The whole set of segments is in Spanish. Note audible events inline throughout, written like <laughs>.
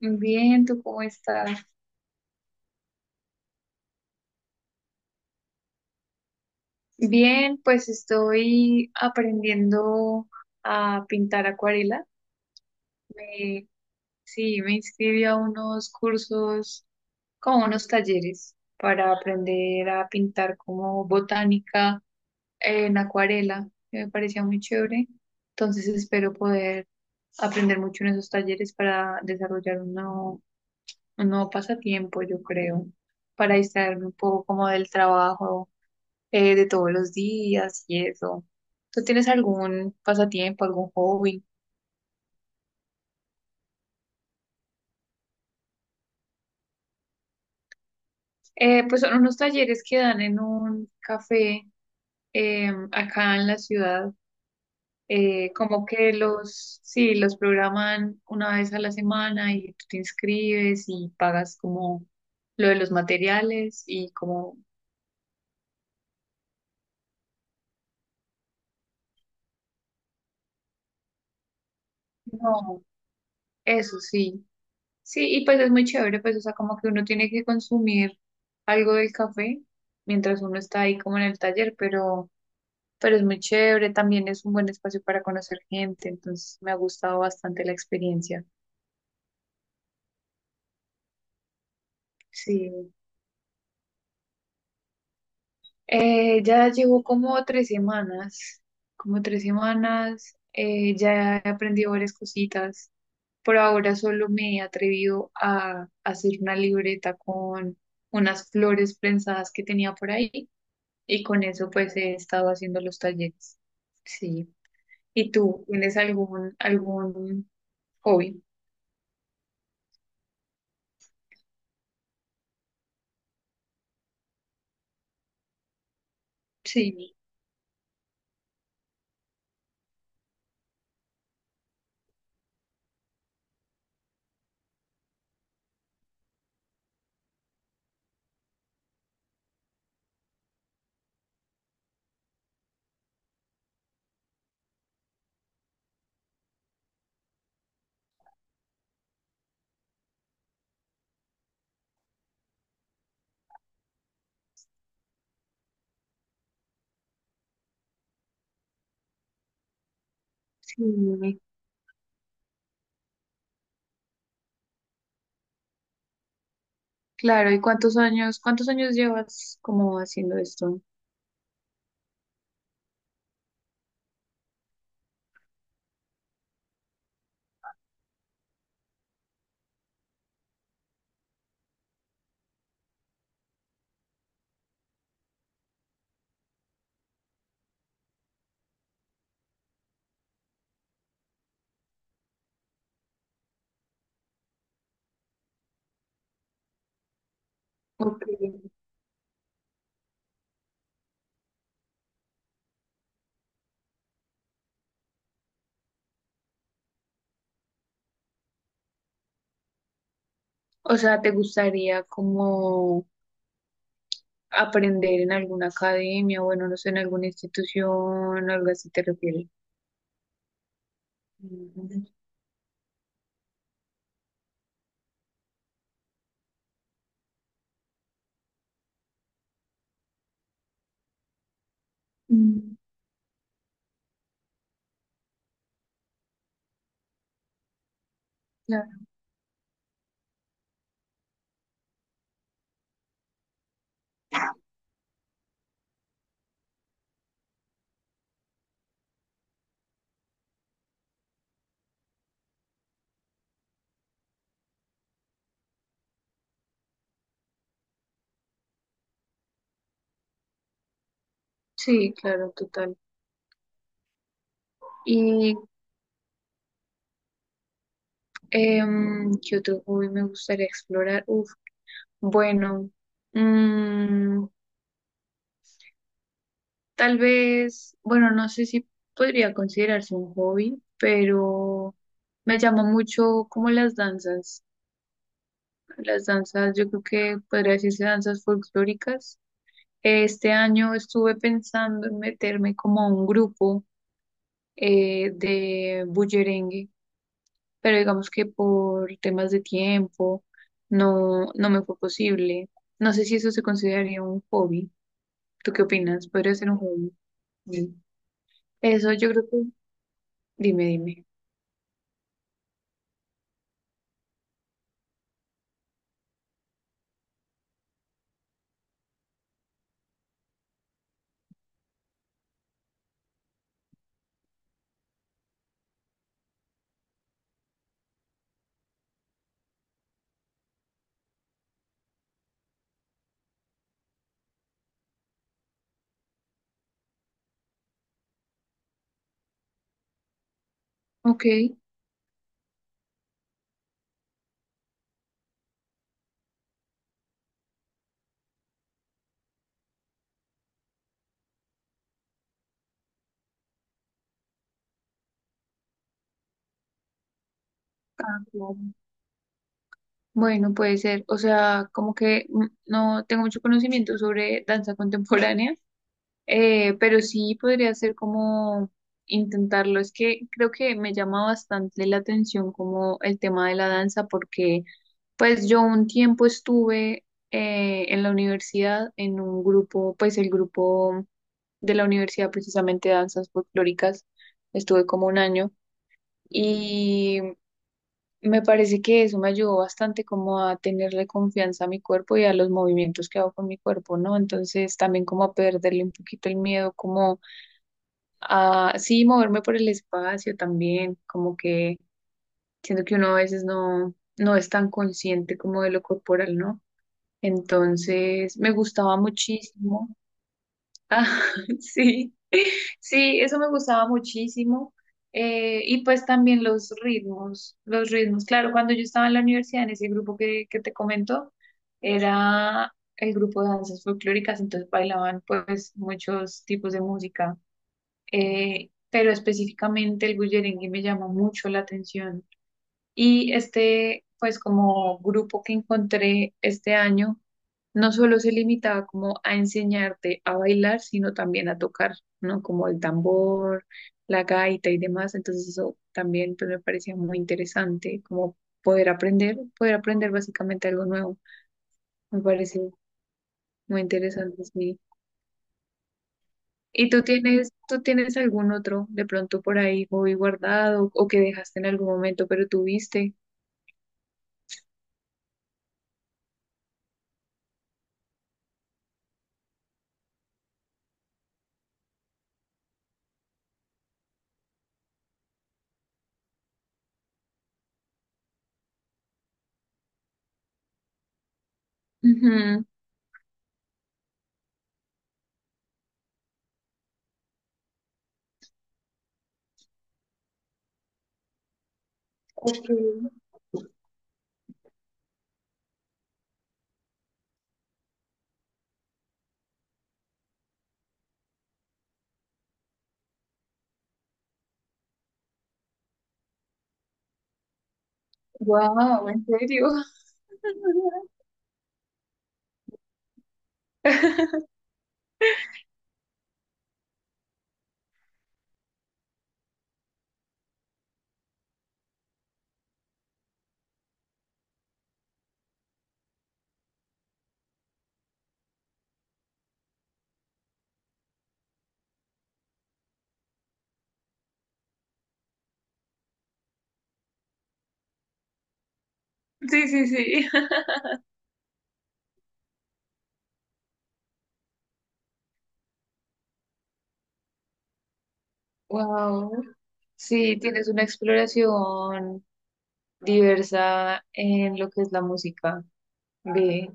Bien, ¿tú cómo estás? Bien, pues estoy aprendiendo a pintar acuarela. Me, sí, me inscribí a unos cursos, como unos talleres, para aprender a pintar como botánica en acuarela, que me parecía muy chévere. Entonces espero poder aprender mucho en esos talleres para desarrollar un nuevo pasatiempo, yo creo, para distraerme un poco como del trabajo de todos los días y eso. ¿Tú tienes algún pasatiempo, algún hobby? Pues son unos talleres que dan en un café, acá en la ciudad. Como que los, sí, los programan una vez a la semana y tú te inscribes y pagas como lo de los materiales y como, no, eso sí. Sí, y pues es muy chévere, pues o sea, como que uno tiene que consumir algo del café mientras uno está ahí como en el taller, pero es muy chévere, también es un buen espacio para conocer gente, entonces me ha gustado bastante la experiencia. Sí. Ya llevo como 3 semanas, como 3 semanas, ya he aprendido varias cositas. Por ahora solo me he atrevido a hacer una libreta con unas flores prensadas que tenía por ahí, y con eso pues he estado haciendo los talleres. Sí. ¿Y tú tienes algún hobby? Sí. Sí. Claro, ¿y cuántos años llevas como haciendo esto? Ok. O sea, ¿te gustaría como aprender en alguna academia, bueno, no sé, en alguna institución, algo así te refieres? Mm. Mm. Claro. Sí, claro, total. ¿Y qué otro hobby me gustaría explorar? Uf, bueno, mm, tal vez, bueno, no sé si podría considerarse un hobby, pero me llama mucho como las danzas. Las danzas, yo creo que podría decirse danzas folclóricas. Este año estuve pensando en meterme como a un grupo, de bullerengue, pero digamos que por temas de tiempo no me fue posible. No sé si eso se consideraría un hobby. ¿Tú qué opinas? ¿Podría ser un hobby? Sí. Eso yo creo que... Dime, dime. Ok. Ah, claro. Bueno, puede ser. O sea, como que mm, no tengo mucho conocimiento sobre danza <laughs> contemporánea, pero sí podría ser como intentarlo. Es que creo que me llama bastante la atención como el tema de la danza, porque pues yo un tiempo estuve, en la universidad en un grupo, pues el grupo de la universidad precisamente de danzas folclóricas, estuve como 1 año. Me parece que eso me ayudó bastante como a tenerle confianza a mi cuerpo y a los movimientos que hago con mi cuerpo, ¿no? Entonces también como a perderle un poquito el miedo, como a, sí, moverme por el espacio también, como que siento que uno a veces no es tan consciente como de lo corporal, ¿no? Entonces me gustaba muchísimo. Ah, <laughs> sí, sí, eso me gustaba muchísimo. Y pues también los ritmos. Claro, cuando yo estaba en la universidad, en ese que te comento, era el grupo de danzas folclóricas, entonces bailaban pues muchos tipos de música. Pero específicamente el bullerengue me llamó mucho la atención. Y este, pues como grupo que encontré este año no solo se limitaba como a enseñarte a bailar, sino también a tocar, ¿no? Como el tambor, la gaita y demás. Entonces eso también pues, me parecía muy interesante, como poder aprender básicamente algo nuevo. Me parece muy interesante, sí. ¿Y tú tienes algún otro de pronto por ahí hobby guardado o que dejaste en algún momento pero tuviste? Ujú. Ok. Wow, ¿en serio? <laughs> Sí, sí, sí. Wow. Sí, tienes una exploración diversa en lo que es la música. Ve,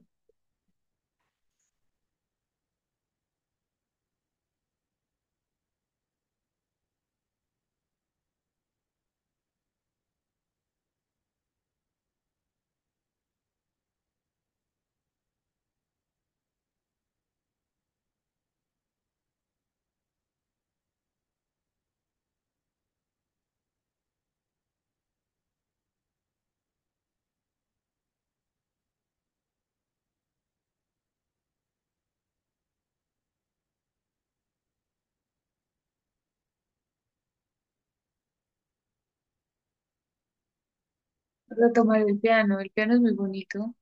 retomar el piano. El piano es muy bonito.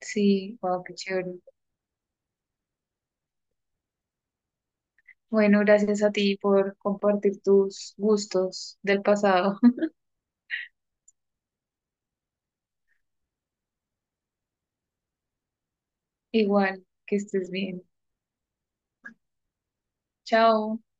Sí, wow, qué chévere. Bueno, gracias a ti por compartir tus gustos del pasado. <laughs> Igual, que estés bien. Chao.